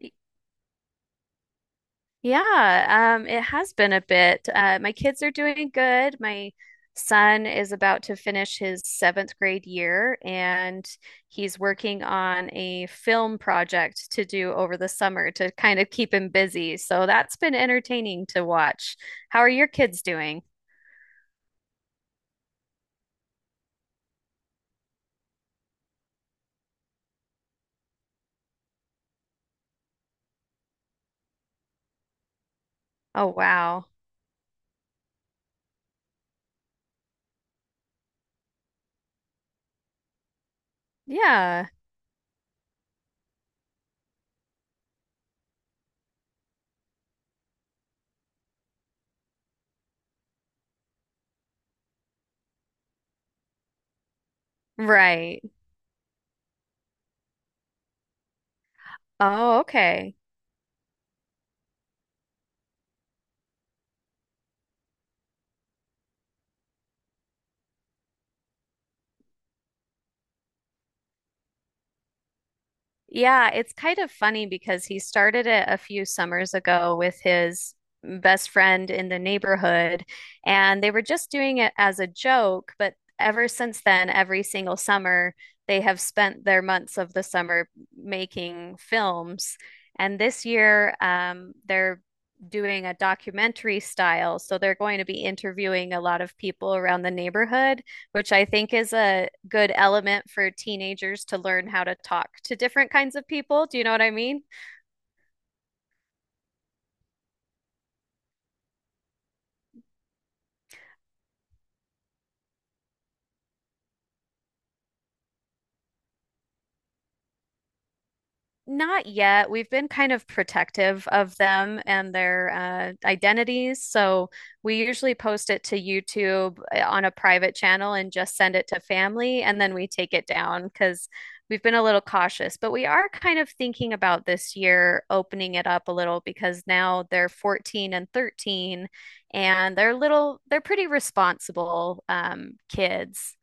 Y- Yeah, it has been a bit. My kids are doing good. My son is about to finish his seventh grade year, and he's working on a film project to do over the summer to kind of keep him busy. So that's been entertaining to watch. How are your kids doing? Oh, wow. Yeah, right. Oh, okay. Yeah, it's kind of funny because he started it a few summers ago with his best friend in the neighborhood, and they were just doing it as a joke. But ever since then, every single summer, they have spent their months of the summer making films. And this year, they're doing a documentary style. So they're going to be interviewing a lot of people around the neighborhood, which I think is a good element for teenagers to learn how to talk to different kinds of people. Do you know what I mean? Not yet. We've been kind of protective of them and their identities. So we usually post it to YouTube on a private channel and just send it to family, and then we take it down because we've been a little cautious. But we are kind of thinking about this year opening it up a little because now they're 14 and 13, and they're little, they're pretty responsible kids.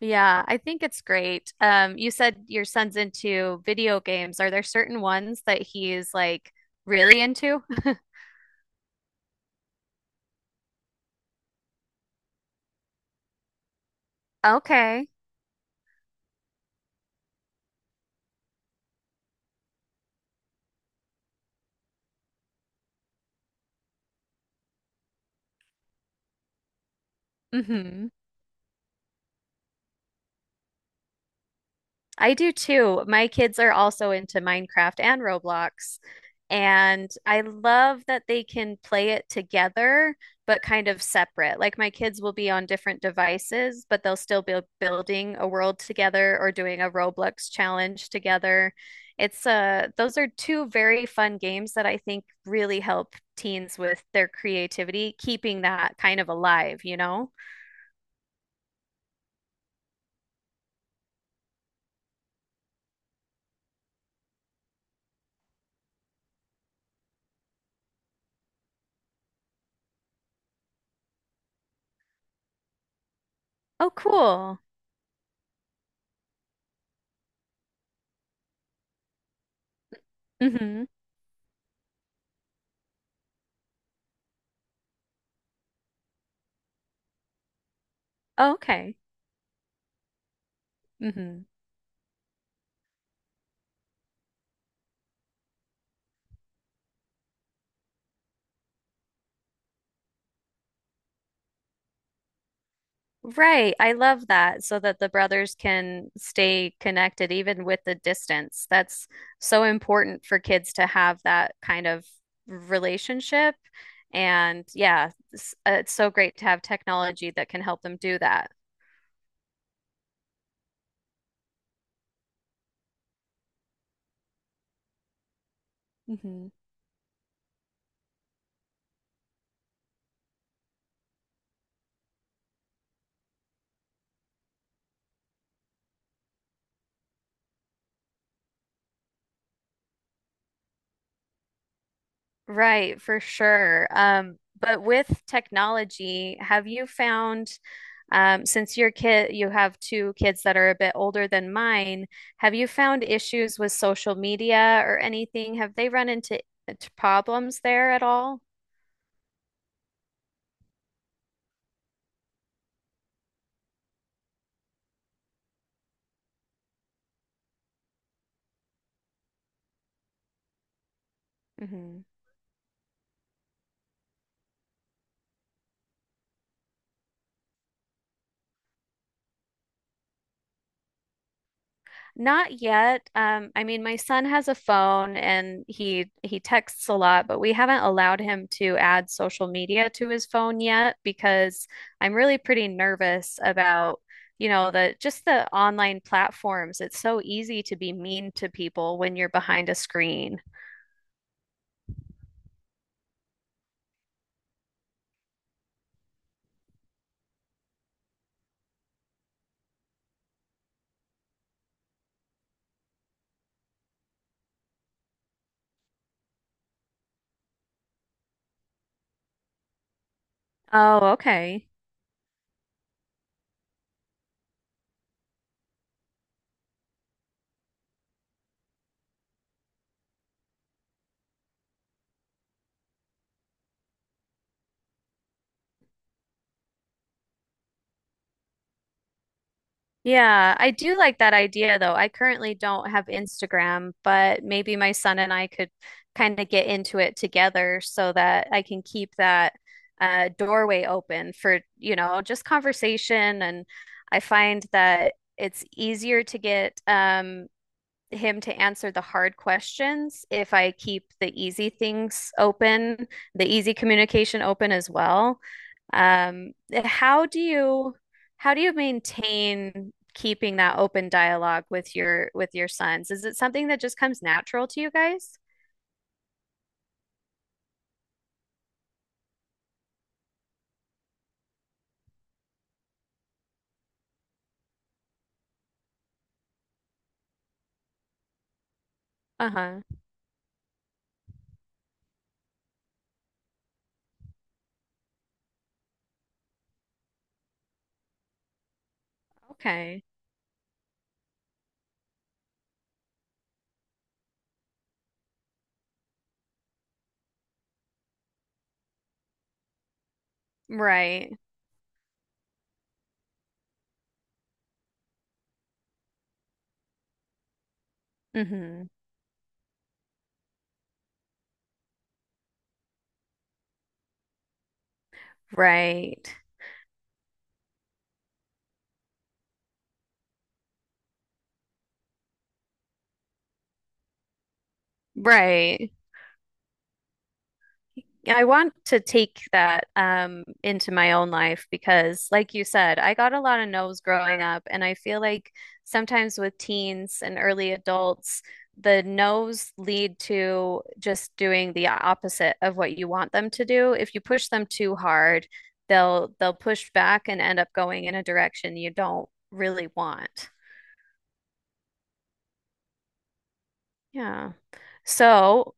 Yeah, I think it's great. You said your son's into video games. Are there certain ones that he's like really into? Okay. hmm I do too. My kids are also into Minecraft and Roblox. And I love that they can play it together, but kind of separate. Like my kids will be on different devices, but they'll still be building a world together or doing a Roblox challenge together. It's those are two very fun games that I think really help teens with their creativity, keeping that kind of alive, you know? Oh, cool. Mm-hmm. Oh, okay. Mm-hmm. Right. I love that, so that the brothers can stay connected even with the distance. That's so important for kids to have that kind of relationship. And yeah, it's so great to have technology that can help them do that. Hmm Right, for sure. But with technology, have you found Since your kid, you have two kids that are a bit older than mine, have you found issues with social media or anything? Have they run into problems there at all? Not yet. I mean, my son has a phone and he texts a lot, but we haven't allowed him to add social media to his phone yet because I'm really pretty nervous about, you know, the just the online platforms. It's so easy to be mean to people when you're behind a screen. Oh, okay. Yeah, I do like that idea though. I currently don't have Instagram, but maybe my son and I could kind of get into it together so that I can keep that doorway open for, you know, just conversation. And I find that it's easier to get him to answer the hard questions if I keep the easy things open, the easy communication open as well. Um, how do you how do you maintain keeping that open dialogue with your sons? Is it something that just comes natural to you guys? Uh-huh. Okay. Right. Mm-hmm. Right. Right. Yeah, I want to take that into my own life because, like you said, I got a lot of no's growing up. And I feel like sometimes with teens and early adults, the no's lead to just doing the opposite of what you want them to do. If you push them too hard, they'll push back and end up going in a direction you don't really want. Yeah. So,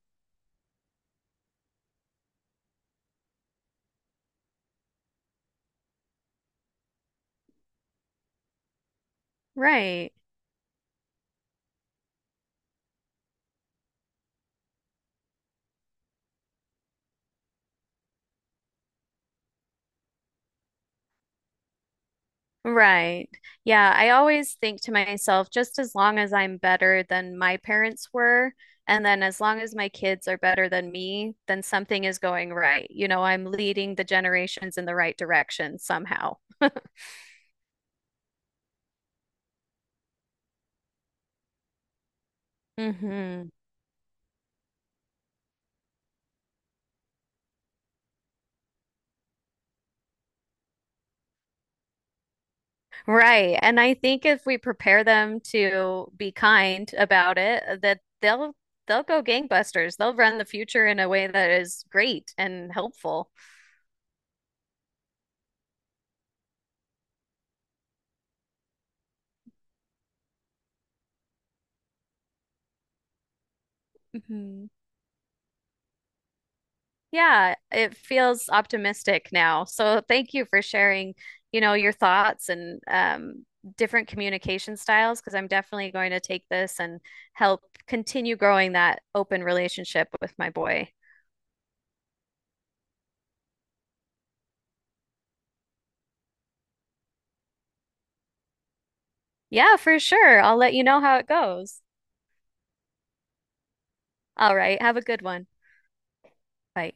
right. Right. Yeah, I always think to myself, just as long as I'm better than my parents were, and then as long as my kids are better than me, then something is going right. You know, I'm leading the generations in the right direction somehow. Hmm Right. And I think if we prepare them to be kind about it, that they'll go gangbusters. They'll run the future in a way that is great and helpful. Mhm. Yeah, it feels optimistic now. So thank you for sharing, you know, your thoughts and different communication styles, because I'm definitely going to take this and help continue growing that open relationship with my boy. Yeah, for sure. I'll let you know how it goes. All right. Have a good one. Bye.